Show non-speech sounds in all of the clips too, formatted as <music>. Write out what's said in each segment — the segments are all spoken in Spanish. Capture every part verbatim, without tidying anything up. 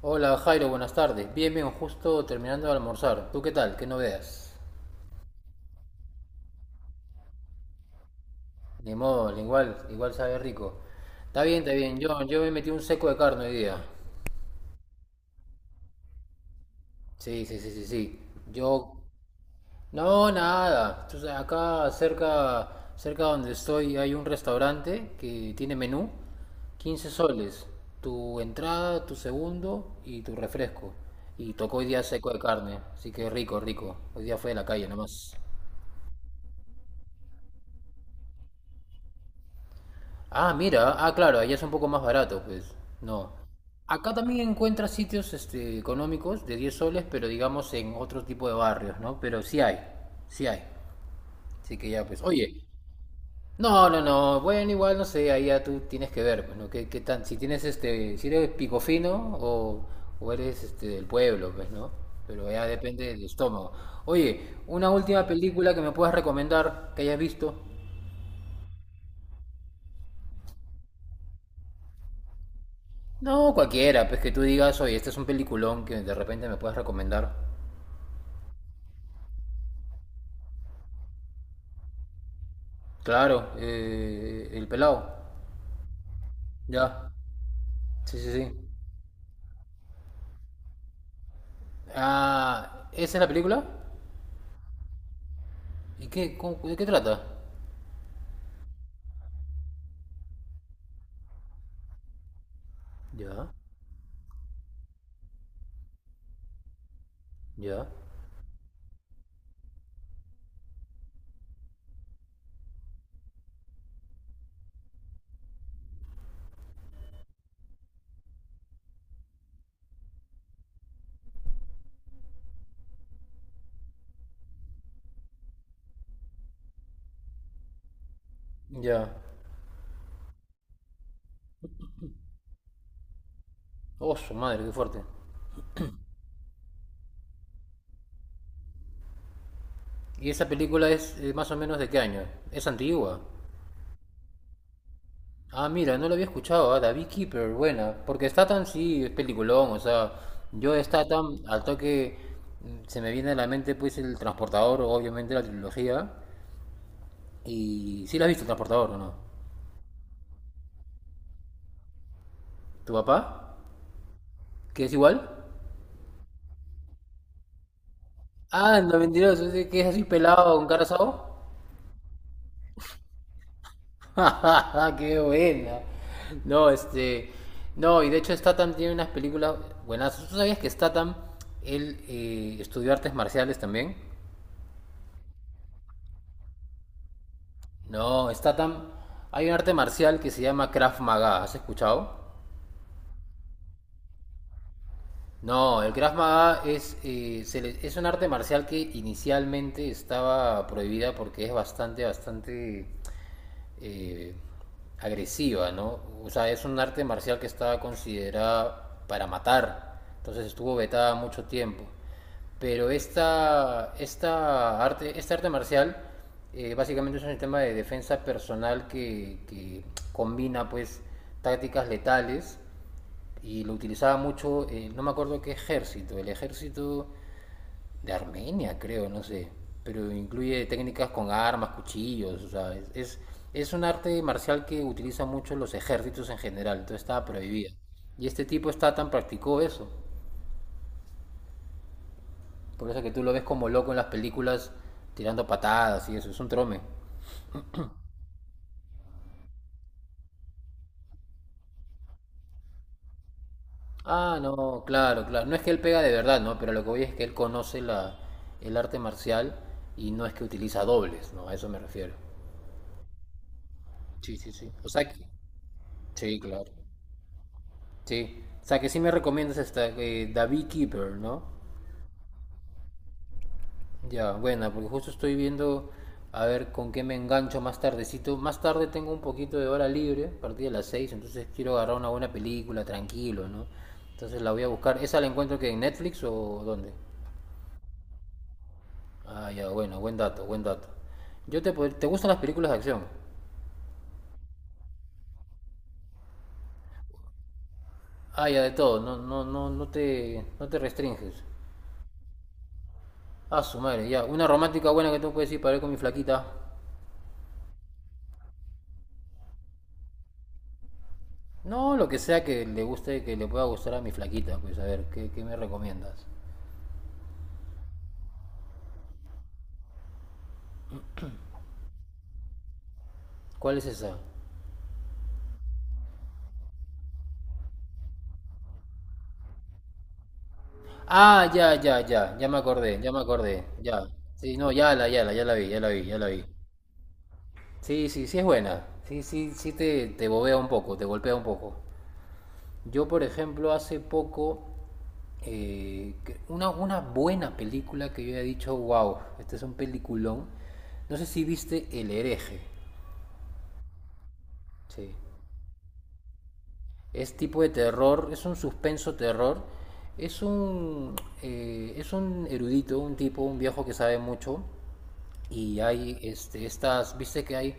Hola Jairo, buenas tardes. Bien, bien, justo terminando de almorzar. ¿Tú qué tal? ¿Qué novedades? Ni modo, igual, igual sabe rico. Está bien, está bien. Yo, yo me metí un seco de carne hoy día. Sí, sí, sí, sí, sí. Yo... No, nada. Entonces, acá cerca, cerca donde estoy hay un restaurante que tiene menú. Quince soles. Tu entrada, tu segundo y tu refresco. Y tocó hoy día seco de carne. Así que rico, rico. Hoy día fue de la calle nomás. Ah, mira, ah, claro, allá es un poco más barato, pues. No. Acá también encuentras sitios este, económicos de diez soles, pero digamos en otro tipo de barrios, ¿no? Pero sí hay, sí hay. Así que ya, pues, oye. No, no, no, bueno, igual no sé, ahí ya tú tienes que ver, pues, ¿no? ¿Qué, qué tan, si tienes este, si eres picofino o, o eres este, del pueblo, pues, ¿no? Pero ya depende del estómago. Oye, una última película que me puedas recomendar que hayas visto. No, cualquiera, pues que tú digas, oye, este es un peliculón que de repente me puedes recomendar. Claro, eh, El Pelado. Ya. Sí, sí, sí. Ah, ¿esa es la película? ¿Y qué, cómo- De qué trata? Ya, ya, ya. Oh, su madre, qué fuerte. ¿Y esa película es eh, más o menos de qué año? ¿Es antigua? Ah, mira, no lo había escuchado, ah, The Beekeeper, buena. Porque Statham sí es peliculón, o sea, yo Statham, al toque mm, se me viene a la mente pues el Transportador, obviamente la trilogía. Y sí la has visto, el Transportador, ¿o no? ¿Tu papá? ¿Que es igual? Ah, el noventa y dos, ese que es así pelado con cara asado. <laughs> ¡Ja! ¡Qué buena! No, este... No, y de hecho Statham tiene unas películas buenas. ¿Tú sabías que Statham, él eh, estudió artes marciales también? No, está tan... Hay un arte marcial que se llama Krav Maga, ¿has escuchado? No, el Krav Maga es, eh, se le- es un arte marcial que inicialmente estaba prohibida porque es bastante, bastante eh, agresiva, ¿no? O sea, es un arte marcial que estaba considerada para matar, entonces estuvo vetada mucho tiempo. Pero esta, esta arte, este arte marcial eh, básicamente es un sistema de defensa personal que, que combina pues tácticas letales y lo utilizaba mucho, eh, no me acuerdo qué ejército, el ejército de Armenia, creo, no sé. Pero incluye técnicas con armas, cuchillos, o sea, es, es, es un arte marcial que utilizan mucho los ejércitos en general, entonces estaba prohibida. Y este tipo está tan practicó eso. Por eso que tú lo ves como loco en las películas tirando patadas y eso, es un trome. Ah, no, claro, claro. No es que él pega de verdad, ¿no? Pero lo que voy es que él conoce la, el arte marcial y no es que utiliza dobles, ¿no? A eso me refiero. Sí, sí, sí. O sea que... Sí, claro. Sí. O sea, que sí me recomiendas esta eh, The Beekeeper, ¿no? Ya, buena, porque justo estoy viendo a ver con qué me engancho más tardecito. Más tarde tengo un poquito de hora libre, a partir de las seis entonces quiero agarrar una buena película, tranquilo, ¿no? Entonces la voy a buscar. ¿Esa la encuentro que en Netflix o dónde? Ah, ya, bueno, buen dato, buen dato. Yo te, pod- ¿te gustan las películas de acción? Ah, ya, de todo, no, no, no, no te, no te restringes. Ah, su madre, ya, una romántica buena que tú puedes ir para ver con mi flaquita. No, lo que sea que le guste, que le pueda gustar a mi flaquita, pues a ver, ¿qué, qué me recomiendas? ¿Cuál es esa? Ah, ya, ya, ya, ya me acordé, ya me acordé, ya. Sí, no, ya la, ya la, ya la vi, ya la vi, ya la vi. Sí, sí, sí es buena. Sí, sí, sí te, te bobea un poco, te golpea un poco. Yo, por ejemplo, hace poco, eh, que- una, una buena película que yo he dicho, wow, este es un peliculón. No sé si viste El hereje. Sí. Es tipo de terror, es un suspenso terror. Es un, eh, es un erudito, un tipo, un viejo que sabe mucho. Y hay este, estas, viste que hay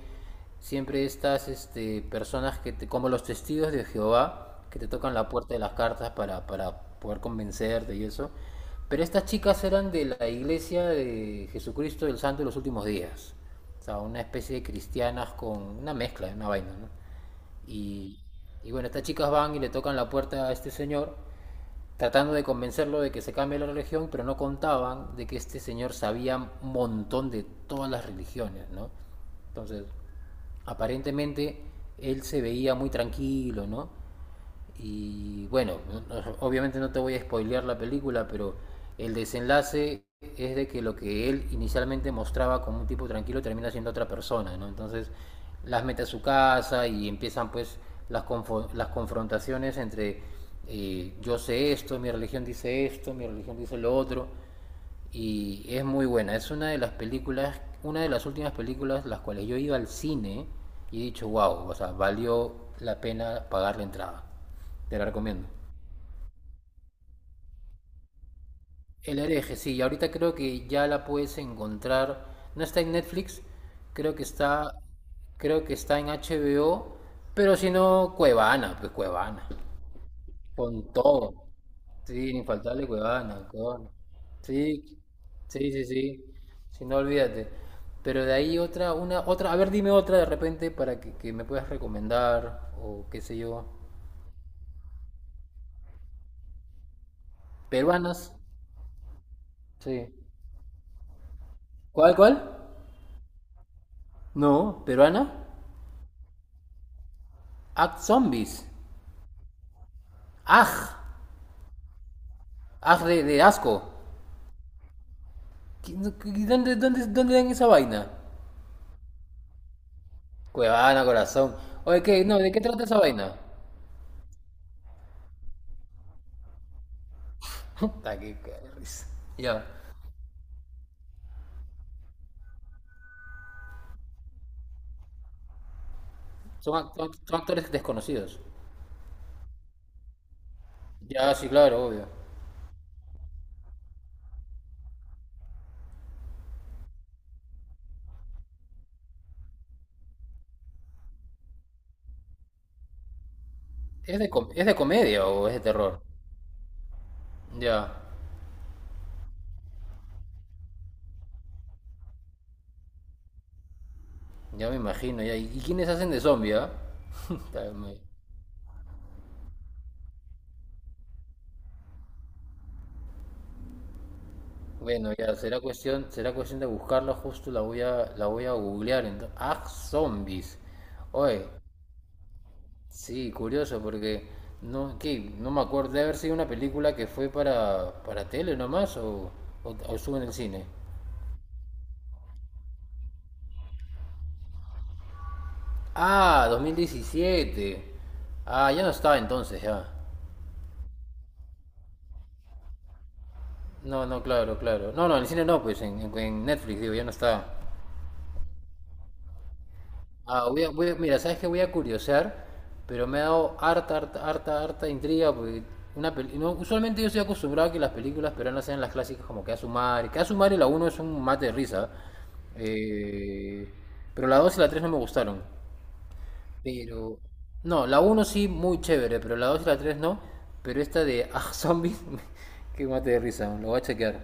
siempre estas este, personas que te- como los testigos de Jehová que te tocan la puerta de las cartas para, para poder convencerte y eso. Pero estas chicas eran de la iglesia de Jesucristo del Santo de los últimos días. O sea, una especie de cristianas con una mezcla, una vaina, ¿no? Y, y bueno, estas chicas van y le tocan la puerta a este señor, tratando de convencerlo de que se cambie la religión, pero no contaban de que este señor sabía un montón de todas las religiones, ¿no? Entonces, aparentemente él se veía muy tranquilo, ¿no? Y bueno, no- no- obviamente no te voy a spoilear la película, pero el desenlace es de que lo que él inicialmente mostraba como un tipo tranquilo termina siendo otra persona, ¿no? Entonces las mete a su casa y empiezan pues las, confo- las confrontaciones entre eh, yo sé esto, mi religión dice esto, mi religión dice lo otro y es muy buena. Es una de las películas, una de las últimas películas las cuales yo iba al cine y he dicho, wow, o sea, valió la pena pagar la entrada. Te la recomiendo. El hereje, sí, y ahorita creo que ya la puedes encontrar. No está en Netflix, creo que está, creo que está en H B O, pero si no, Cuevana, pues Cuevana, con todo. Sí, infaltable Cuevana, con Sí, sí, sí, sí. Si no, olvídate. Pero de ahí otra, una, otra, a ver, dime otra de repente para que, que me puedas recomendar o qué sé yo. Peruanas. Sí. ¿Cuál, cuál? No, peruana. Act Zombies. Aj. Aj de, de asco. ¿Qué- no- qué- ¿Dónde, dónde, dónde dan esa vaina? Cuevana, corazón. Oye, ¿qué? No, ¿de qué trata esa vaina? <laughs> Puta, qué- qué risa. Ya. Son, act- son act- son actores desconocidos. Ya, sí, claro, obvio. ¿Es de, com- es de comedia o es de terror? Ya, ya me imagino, ya. ¿Y y quiénes hacen de zombie, ah? <laughs> Puta, me- Bueno, ya, será cuestión, será cuestión de buscarla, justo la voy a, la voy a googlear entonces. Ah, zombies. Oye, sí, curioso porque no, ¿qué? No me acuerdo de haber sido una película que fue para, para tele nomás o, o, o estuvo en el cine. Ah, dos mil diecisiete Ah, ya no está entonces, ya. No, no, claro, claro. No, no, en el cine no, pues en, en- en Netflix, digo, ya no está. Ah, voy a, voy a- mira, sabes que voy a curiosear, pero me ha dado harta, harta, harta, harta intriga, porque una peli- no, usualmente yo estoy acostumbrado a que las películas peruanas sean las clásicas como Que a su madre, Que a su madre la uno es un mate de risa, eh, pero la dos y la tres no me gustaron. Pero, no, la uno sí, muy chévere, pero la dos y la tres no, pero esta de Ah, Zombies, <laughs> que mate de risa, lo voy a chequear.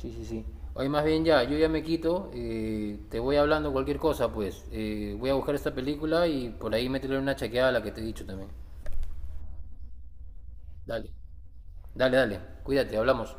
Sí, sí, sí. Oye, más bien ya, yo ya me quito, eh, te voy hablando cualquier cosa, pues. Eh, voy a buscar esta película y por ahí métele una chequeada a la que te he dicho también. Dale, dale, dale. Cuídate, hablamos.